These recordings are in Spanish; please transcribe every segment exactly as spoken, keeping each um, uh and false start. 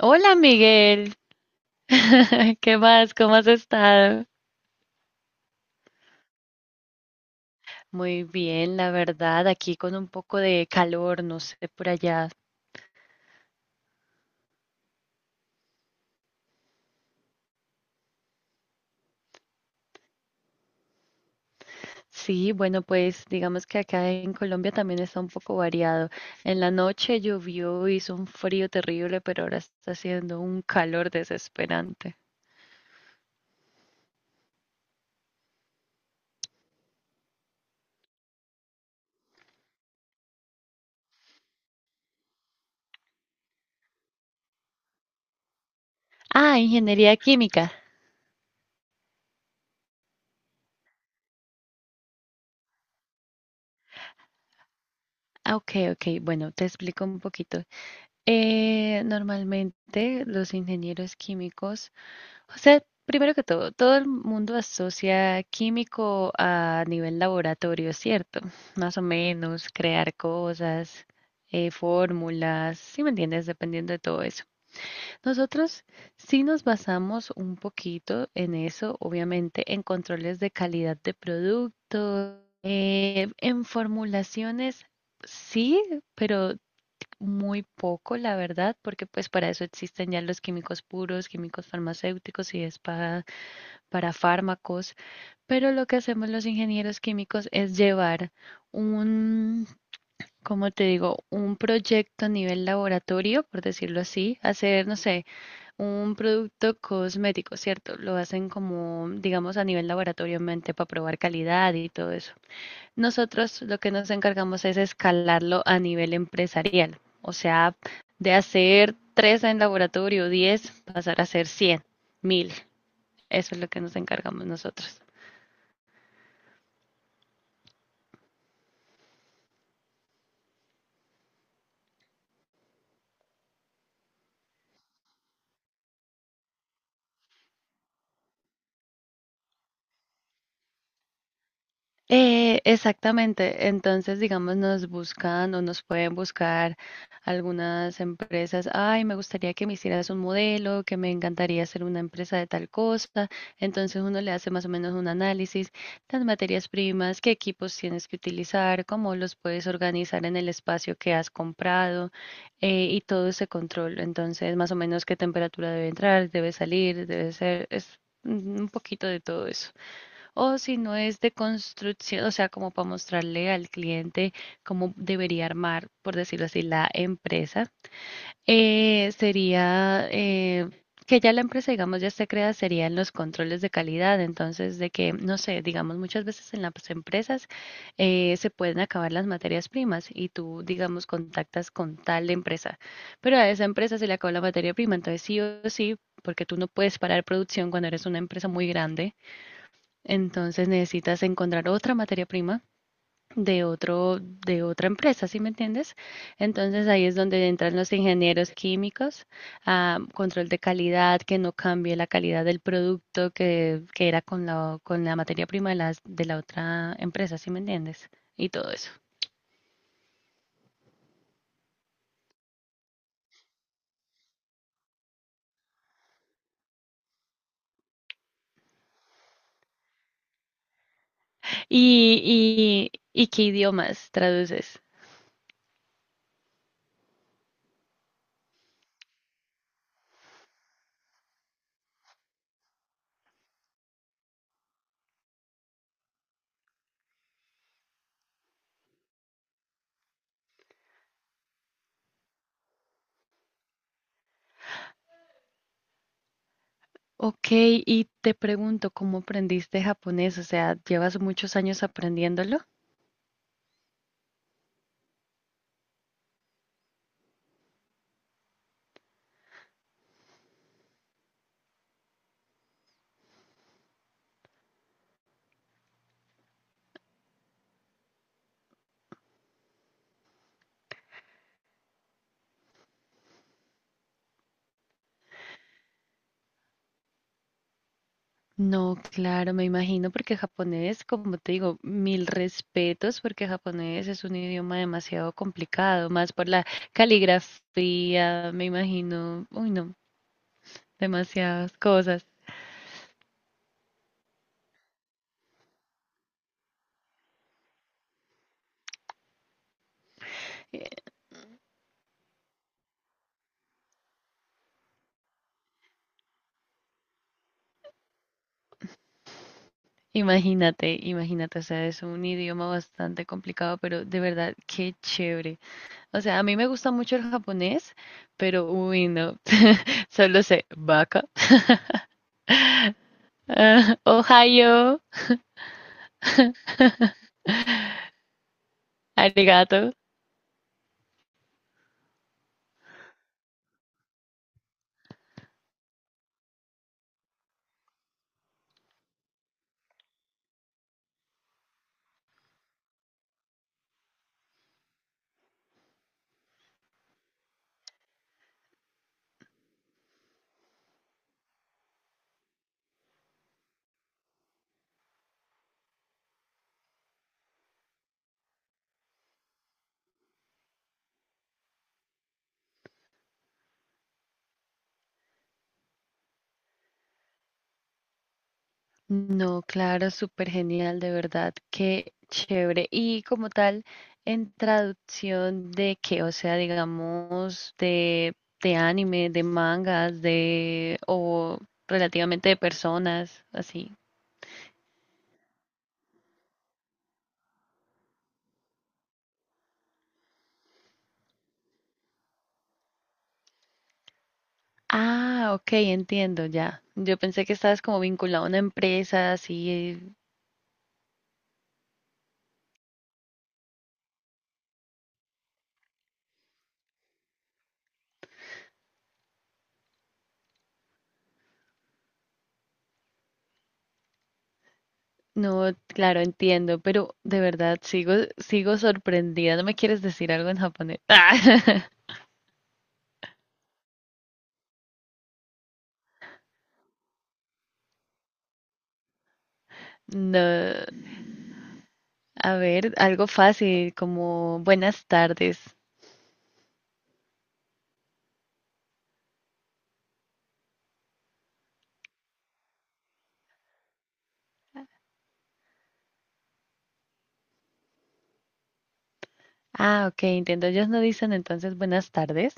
Hola Miguel, ¿qué más? ¿Cómo has estado? Muy bien, la verdad, aquí con un poco de calor, no sé, por allá. Sí, bueno, pues digamos que acá en Colombia también está un poco variado. En la noche llovió, hizo un frío terrible, pero ahora está haciendo un calor desesperante. Ah, ingeniería química. Ah, ok, ok, bueno, te explico un poquito. Eh, normalmente los ingenieros químicos o sea, primero que todo, todo el mundo asocia químico a nivel laboratorio, ¿cierto? Más o menos, crear cosas, eh, fórmulas, ¿sí me entiendes? Dependiendo de todo eso. Nosotros sí nos basamos un poquito en eso, obviamente, en controles de calidad de productos, eh, en formulaciones, sí, pero muy poco, la verdad, porque pues para eso existen ya los químicos puros, químicos farmacéuticos y spa para fármacos, pero lo que hacemos los ingenieros químicos es llevar un, como te digo, un proyecto a nivel laboratorio, por decirlo así, hacer, no sé, un producto cosmético, ¿cierto? Lo hacen como, digamos, a nivel laboratorio mente para probar calidad y todo eso. Nosotros lo que nos encargamos es escalarlo a nivel empresarial, o sea, de hacer tres en laboratorio, diez, pasar a hacer cien, mil. Eso es lo que nos encargamos nosotros. Eh, exactamente. Entonces, digamos, nos buscan o nos pueden buscar algunas empresas. Ay, me gustaría que me hicieras un modelo, que me encantaría hacer una empresa de tal cosa. Entonces, uno le hace más o menos un análisis, las materias primas, qué equipos tienes que utilizar, cómo los puedes organizar en el espacio que has comprado eh, y todo ese control. Entonces, más o menos qué temperatura debe entrar, debe salir, debe ser, es un poquito de todo eso. O si no es de construcción, o sea, como para mostrarle al cliente cómo debería armar, por decirlo así, la empresa, eh, sería eh, que ya la empresa, digamos, ya esté creada, sería en los controles de calidad. Entonces, de que, no sé, digamos, muchas veces en las empresas eh, se pueden acabar las materias primas y tú, digamos, contactas con tal empresa, pero a esa empresa se le acabó la materia prima. Entonces, sí o sí, porque tú no puedes parar producción cuando eres una empresa muy grande entonces necesitas encontrar otra materia prima de otro, de otra empresa, ¿sí me entiendes? Entonces ahí es donde entran los ingenieros químicos, ah, control de calidad, que no cambie la calidad del producto que, que era con la, con la materia prima de la, de la otra empresa, ¿sí me entiendes? Y todo eso. ¿Y, y, y qué idiomas traduces? Ok, y te pregunto, ¿cómo aprendiste japonés? O sea, ¿llevas muchos años aprendiéndolo? No, claro, me imagino porque japonés, como te digo, mil respetos porque japonés es un idioma demasiado complicado, más por la caligrafía, me imagino, uy no, demasiadas cosas. Eh, Imagínate, imagínate, o sea, es un idioma bastante complicado, pero de verdad, qué chévere. O sea, a mí me gusta mucho el japonés, pero uy no, solo sé vaca, ah, Ohio, arigato. No, claro, súper genial, de verdad, qué chévere. Y como tal, en traducción de qué, o sea, digamos, de, de, anime, de mangas, de, o relativamente de personas, así. Ah, ok, entiendo, ya. Yo pensé que estabas como vinculado a una empresa, así. No, claro, entiendo, pero de verdad sigo, sigo sorprendida. ¿No me quieres decir algo en japonés? No. A ver, algo fácil, como buenas tardes. Ah, ok, entiendo. Ellos no dicen entonces buenas tardes.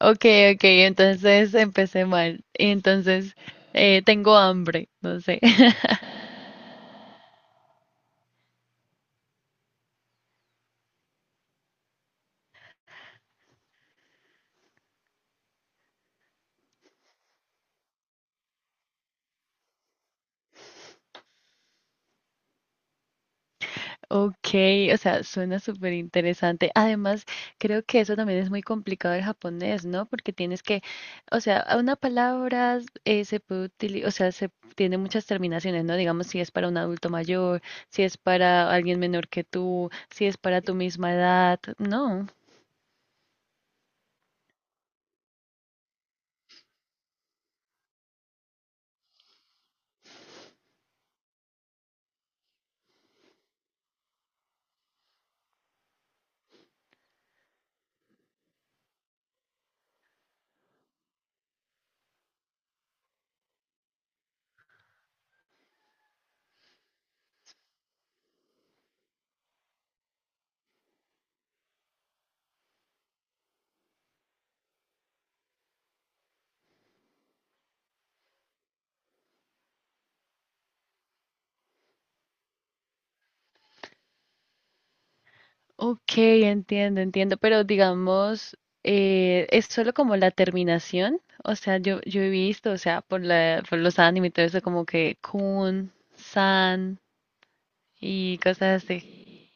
Ok, ok, entonces empecé mal. Entonces, eh, tengo hambre, no sé. Ok, o sea, suena súper interesante. Además, creo que eso también es muy complicado el japonés, ¿no? Porque tienes que, o sea, a una palabra eh, se puede utilizar, o sea, se tiene muchas terminaciones, ¿no? Digamos, si es para un adulto mayor, si es para alguien menor que tú, si es para tu misma edad, ¿no? Ok, entiendo, entiendo, pero digamos, eh, es solo como la terminación, o sea, yo, yo he visto, o sea, por la, por los animes y todo eso, como que kun, san. Y cosas así.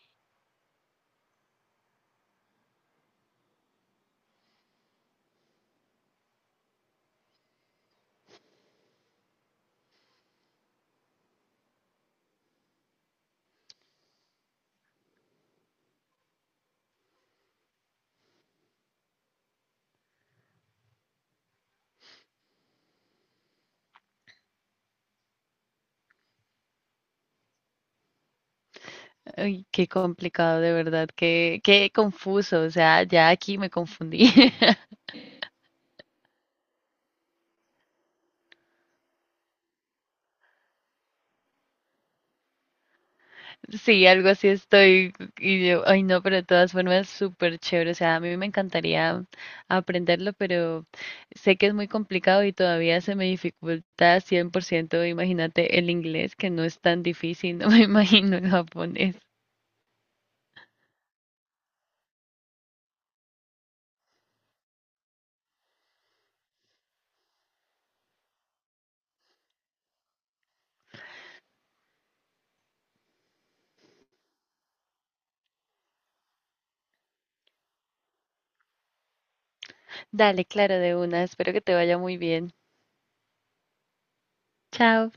Ay, qué complicado, de verdad, qué, qué confuso, o sea, ya aquí me confundí. Sí, algo así estoy, y yo, ay no, pero de todas formas súper chévere, o sea, a mí me encantaría aprenderlo, pero sé que es muy complicado y todavía se me dificulta cien por ciento imagínate el inglés, que no es tan difícil, no me imagino el japonés. Dale, claro, de una, espero que te vaya muy bien. Chao.